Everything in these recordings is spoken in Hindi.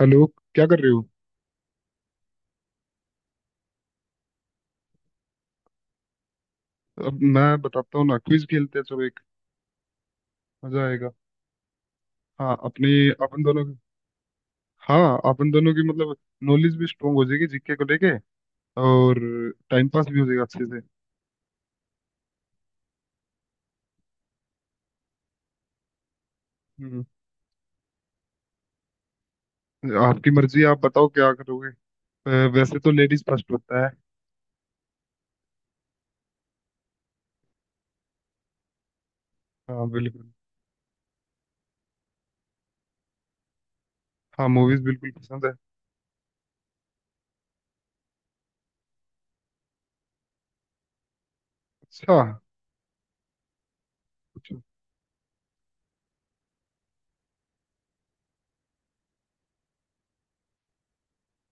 हेलो। क्या कर रहे हो। अब मैं बताता हूँ ना, क्विज खेलते हैं चलो एक। मजा आएगा। हाँ। अपन दोनों की। हाँ, अपन दोनों की मतलब नॉलेज भी स्ट्रोंग हो जाएगी जीके को लेके। और टाइम पास भी हो जाएगा अच्छे से। हम्म। आपकी मर्जी है, आप बताओ क्या करोगे। वैसे तो लेडीज फर्स्ट होता है। हाँ, बिल्कुल। हाँ, मूवीज बिल्कुल पसंद है। अच्छा। पूछो।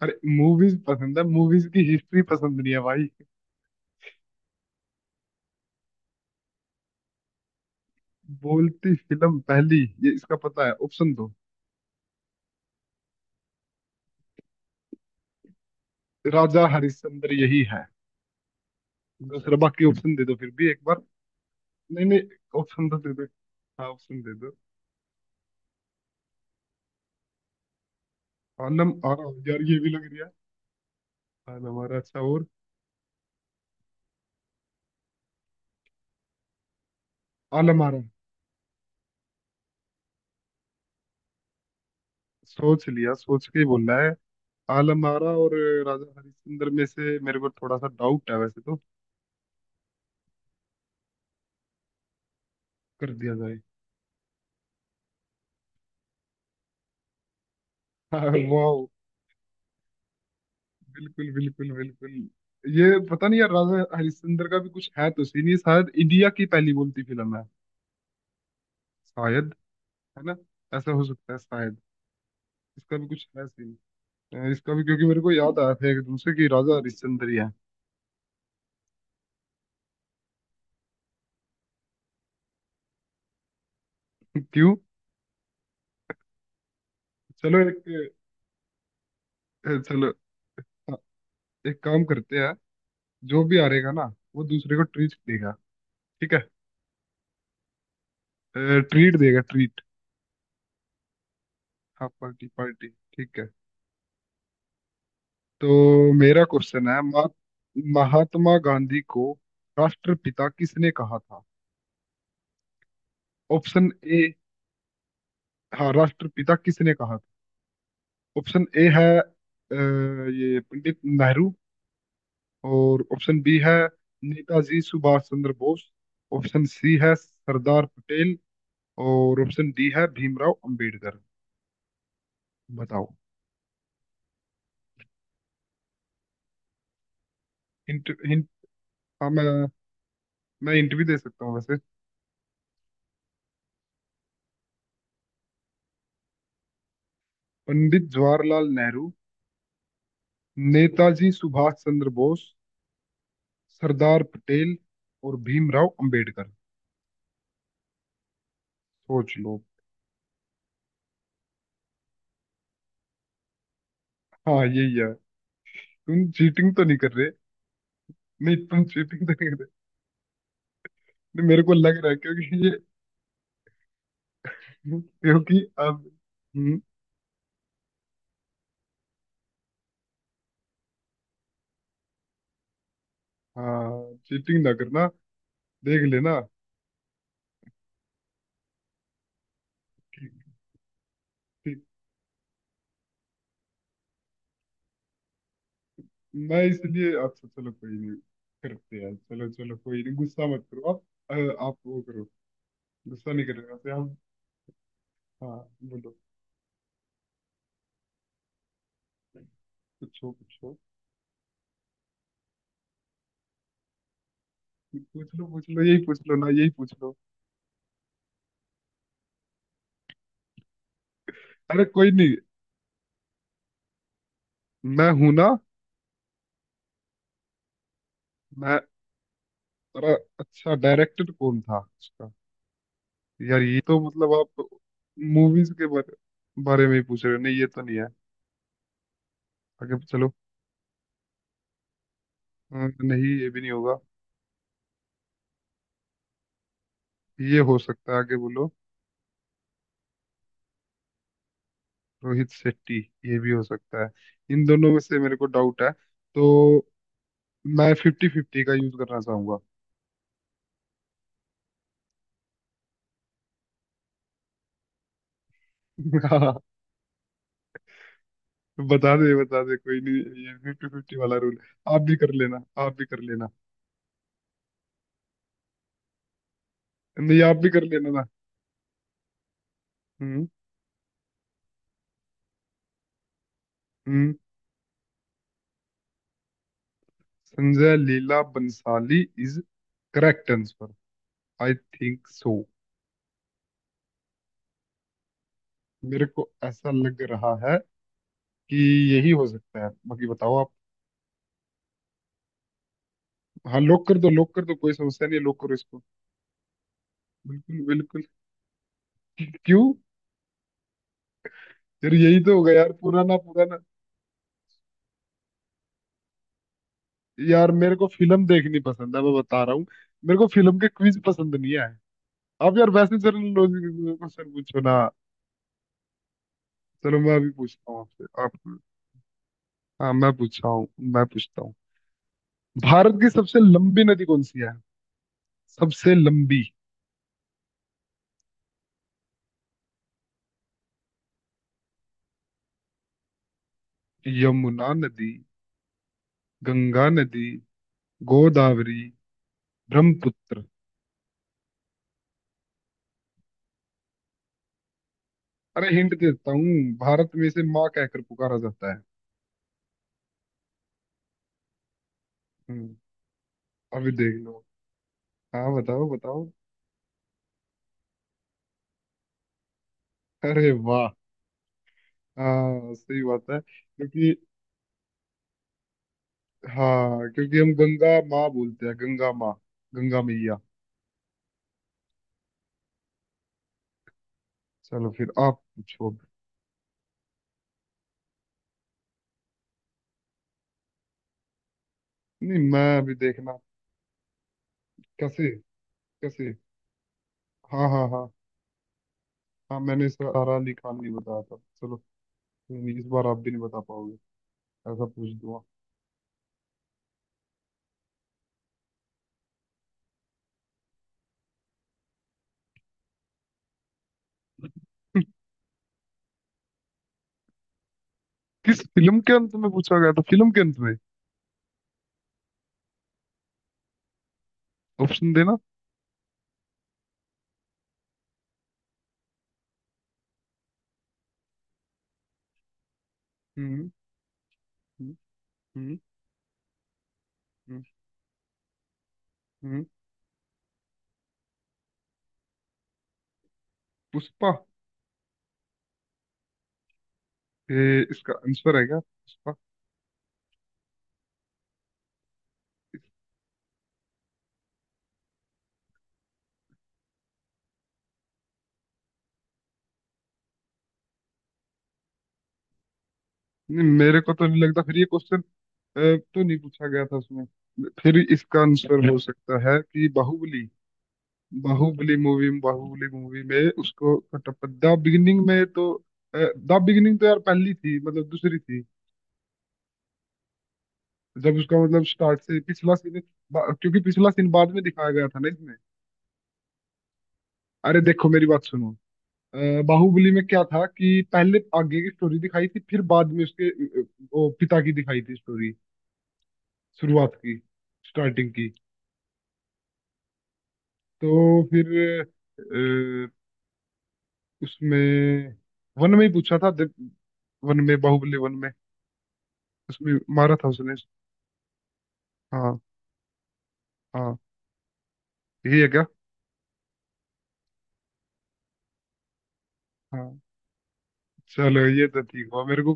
अरे मूवीज पसंद है, मूवीज की हिस्ट्री पसंद नहीं है भाई। बोलती फिल्म पहली ये इसका पता है, ऑप्शन दो। राजा हरिश्चंद्र यही है। दूसरा, बाकी ऑप्शन दे दो फिर भी एक बार। नहीं, नहीं, ऑप्शन तो दे दो। हाँ, ऑप्शन दे दो। आलम आरा, यार ये भी लग रही है। आलम आरा। अच्छा। और? आलम आरा। सोच लिया, सोच के ही बोलना है। आलम आरा और। राजा हरिश्चंद्र में से मेरे को थोड़ा सा डाउट है वैसे तो। कर दिया जाए। हाँ। वाह। बिल्कुल, बिल्कुल, बिल्कुल। ये पता नहीं यार, राजा हरिश्चंद्र का भी कुछ है तो सीन, ये शायद इंडिया की पहली बोलती फिल्म है शायद। है ना? ऐसा हो सकता है शायद। इसका भी कुछ है सीन। इसका भी, क्योंकि मेरे को याद आया था एक दूसरे की राजा हरिश्चंद्र ही है। क्यों? चलो एक चलो, एक काम करते हैं। जो भी हारेगा ना, वो दूसरे को ट्रीट देगा। ठीक है? ट्रीट देगा, ट्रीट। हाँ, पार्टी पार्टी। ठीक है। तो मेरा क्वेश्चन है, महात्मा गांधी को राष्ट्रपिता किसने कहा था? ऑप्शन ए। हाँ, राष्ट्रपिता किसने कहा था? ऑप्शन ए है ये पंडित नेहरू। और ऑप्शन बी है नेताजी सुभाष चंद्र बोस। ऑप्शन सी है सरदार पटेल। और ऑप्शन डी है भीमराव अंबेडकर। बताओ। Hint, hint. हाँ, मैं हिंट भी दे सकता हूँ वैसे। पंडित जवाहरलाल नेहरू, नेताजी सुभाष चंद्र बोस, सरदार पटेल और भीमराव अंबेडकर। सोच लो। हाँ, यही है। तुम चीटिंग तो नहीं कर रहे? नहीं, तुम चीटिंग तो नहीं कर रहे? नहीं, मेरे को लग रहा है क्योंकि ये। क्योंकि अब। हम्म, हाँ, चीटिंग ना करना। देख लेना। ठीक, ठीक। मैं इसलिए, अच्छा चलो कोई नहीं। करते हैं, चलो, चलो कोई नहीं, गुस्सा मत करो आप। आप वो करो, गुस्सा नहीं करेगा तो हम। हाँ। बोलो। पूछो, पूछो। पूछ लो, पूछ लो, यही पूछ लो ना, यही पूछ लो। अरे कोई नहीं, मैं हूं ना। मैं, अरे अच्छा डायरेक्टर कौन था उसका? यार ये तो मतलब आप मूवीज के बारे में ही पूछ रहे हो। नहीं, ये तो नहीं है, आगे चलो। नहीं, ये भी नहीं होगा। ये हो सकता है, आगे बोलो। रोहित शेट्टी, ये भी हो सकता है। इन दोनों में से मेरे को डाउट है, तो मैं फिफ्टी फिफ्टी का यूज करना चाहूंगा। हाँ, बता दे, बता दे, कोई नहीं ये फिफ्टी फिफ्टी वाला रूल। आप भी कर लेना, आप भी कर लेना। नहीं, आप भी कर लेना ना। हम्म। हम्म। Sanjay Leela Bhansali is correct answer, I think so. मेरे को ऐसा लग रहा है कि यही हो सकता है, बाकी बताओ आप। हाँ, लॉक कर दो, लॉक कर दो, कोई समस्या नहीं है, लॉक करो इसको। बिल्कुल, बिल्कुल। क्यों? फिर यही तो होगा यार, पुराना पुराना। यार मेरे को फिल्म देखनी पसंद है, मैं बता रहा हूँ। मेरे को फिल्म के क्विज पसंद नहीं आए। आप यार वैसे जनरल नॉलेज के क्वेश्चन पूछो ना। चलो, मैं अभी पूछता हूँ आपसे। आप। हाँ, मैं पूछता हूँ भारत की सबसे लंबी नदी कौन सी है? सबसे लंबी। यमुना नदी, गंगा नदी, गोदावरी, ब्रह्मपुत्र। अरे हिंट देता हूँ, भारत में इसे माँ कहकर पुकारा जाता है। हम्म, अभी देख लो। हाँ, बताओ, बताओ। अरे वाह। हाँ, सही बात है, क्योंकि। हाँ, क्योंकि हम गंगा माँ बोलते हैं, गंगा माँ, गंगा मैया। चलो, फिर आप पूछो अब। नहीं, मैं अभी देखना। कैसे? कैसे? हाँ, हाँ, हाँ। हाँ, मैंने सारा अली खान नहीं बताया था। चलो कोई नहीं, इस बार आप भी नहीं बता पाओगे, ऐसा पूछ दूंगा। किस फिल्म के अंत में पूछा गया था? फिल्म के अंत में। ऑप्शन देना। हम्म। हम्म। हम्म। हम्म। हम्म। पुष्पा। ये इसका आंसर है क्या, पुष्पा? नहीं मेरे को तो नहीं लगता, फिर ये क्वेश्चन तो नहीं पूछा गया था उसमें। फिर इसका आंसर हो सकता है कि बाहुबली। बाहुबली मूवी में उसको कटप्पा, द बिगिनिंग में तो। द बिगिनिंग तो यार पहली थी, मतलब दूसरी थी, जब उसका मतलब स्टार्ट से पिछला सीन। क्योंकि पिछला सीन बाद में दिखाया गया था ना इसमें। अरे देखो, मेरी बात सुनो। अ, बाहुबली में क्या था कि पहले आगे की स्टोरी दिखाई थी, फिर बाद में उसके वो पिता की दिखाई थी स्टोरी, शुरुआत की, स्टार्टिंग की। तो फिर अ, उसमें वन में ही पूछा था, वन में, बाहुबली वन में उसमें मारा था उसने। हाँ। हाँ, यही है क्या? हाँ। चलो, ये तो ठीक हुआ मेरे को।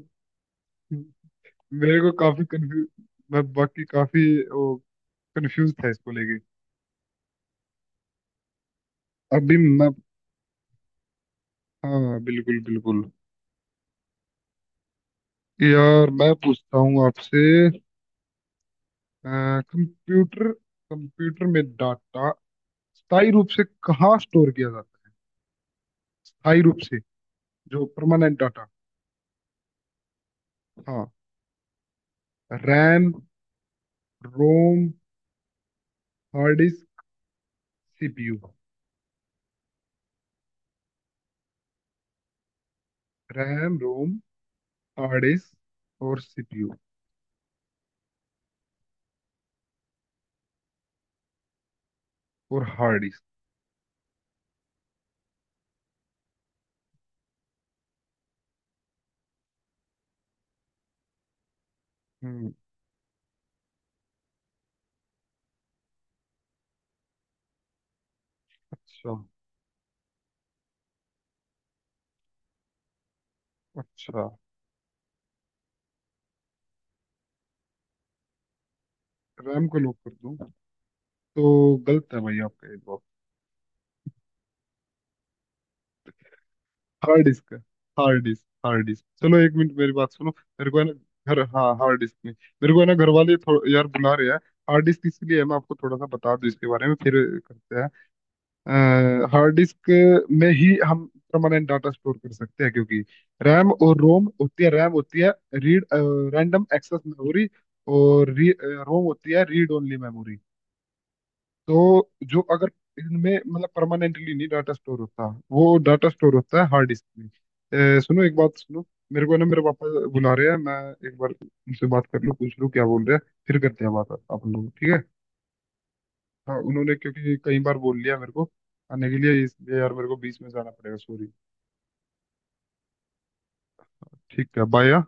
मेरे को काफी कंफ्यूज, मैं बाकी काफी, वो कंफ्यूज था इसको लेके। अभी मैं, हाँ बिल्कुल, बिल्कुल। यार मैं पूछता हूँ आपसे। कंप्यूटर कंप्यूटर में डाटा स्थायी रूप से कहाँ स्टोर किया जाता है? स्थायी रूप से। जो परमानेंट डाटा। हाँ, RAM, ROM, hard disk, CPU. RAM, ROM, hard disk और सीपीयू, और हार्ड डिस्क। हम्म। अच्छा। अच्छा। रैम को लॉक कर दूं? तो गलत है भाई आपका ये जवाब। हार्ड डिस्क है। Hard disk, hard disk. चलो, एक मिनट मेरी बात सुनो। मेरे को है ना घर, हाँ हार्ड डिस्क नहीं। मेरे को है ना, घर वाले थोड़ा यार बुला रहे हैं। हार्ड डिस्क इसलिए है, मैं आपको थोड़ा सा बता दूं इसके बारे में, फिर करते हैं। हार्ड डिस्क में ही हम परमानेंट डाटा स्टोर कर सकते हैं, क्योंकि रैम और रोम होती है। रैम होती है रीड रैंडम एक्सेस मेमोरी, और रोम होती है रीड ओनली मेमोरी। तो जो, अगर इनमें मतलब परमानेंटली नहीं डाटा स्टोर होता, वो डाटा स्टोर होता है हार्ड डिस्क में। सुनो, एक बात सुनो। मेरे को ना, मेरे पापा बुला रहे हैं, मैं एक बार उनसे बात कर लूँ, पूछ लूँ क्या बोल रहे हैं, फिर करते हैं बात। आप लोग, ठीक है? हाँ उन्होंने, क्योंकि कई बार बोल लिया मेरे को आने के लिए, इसलिए यार मेरे को बीच में जाना पड़ेगा, सॉरी। ठीक है, बाय।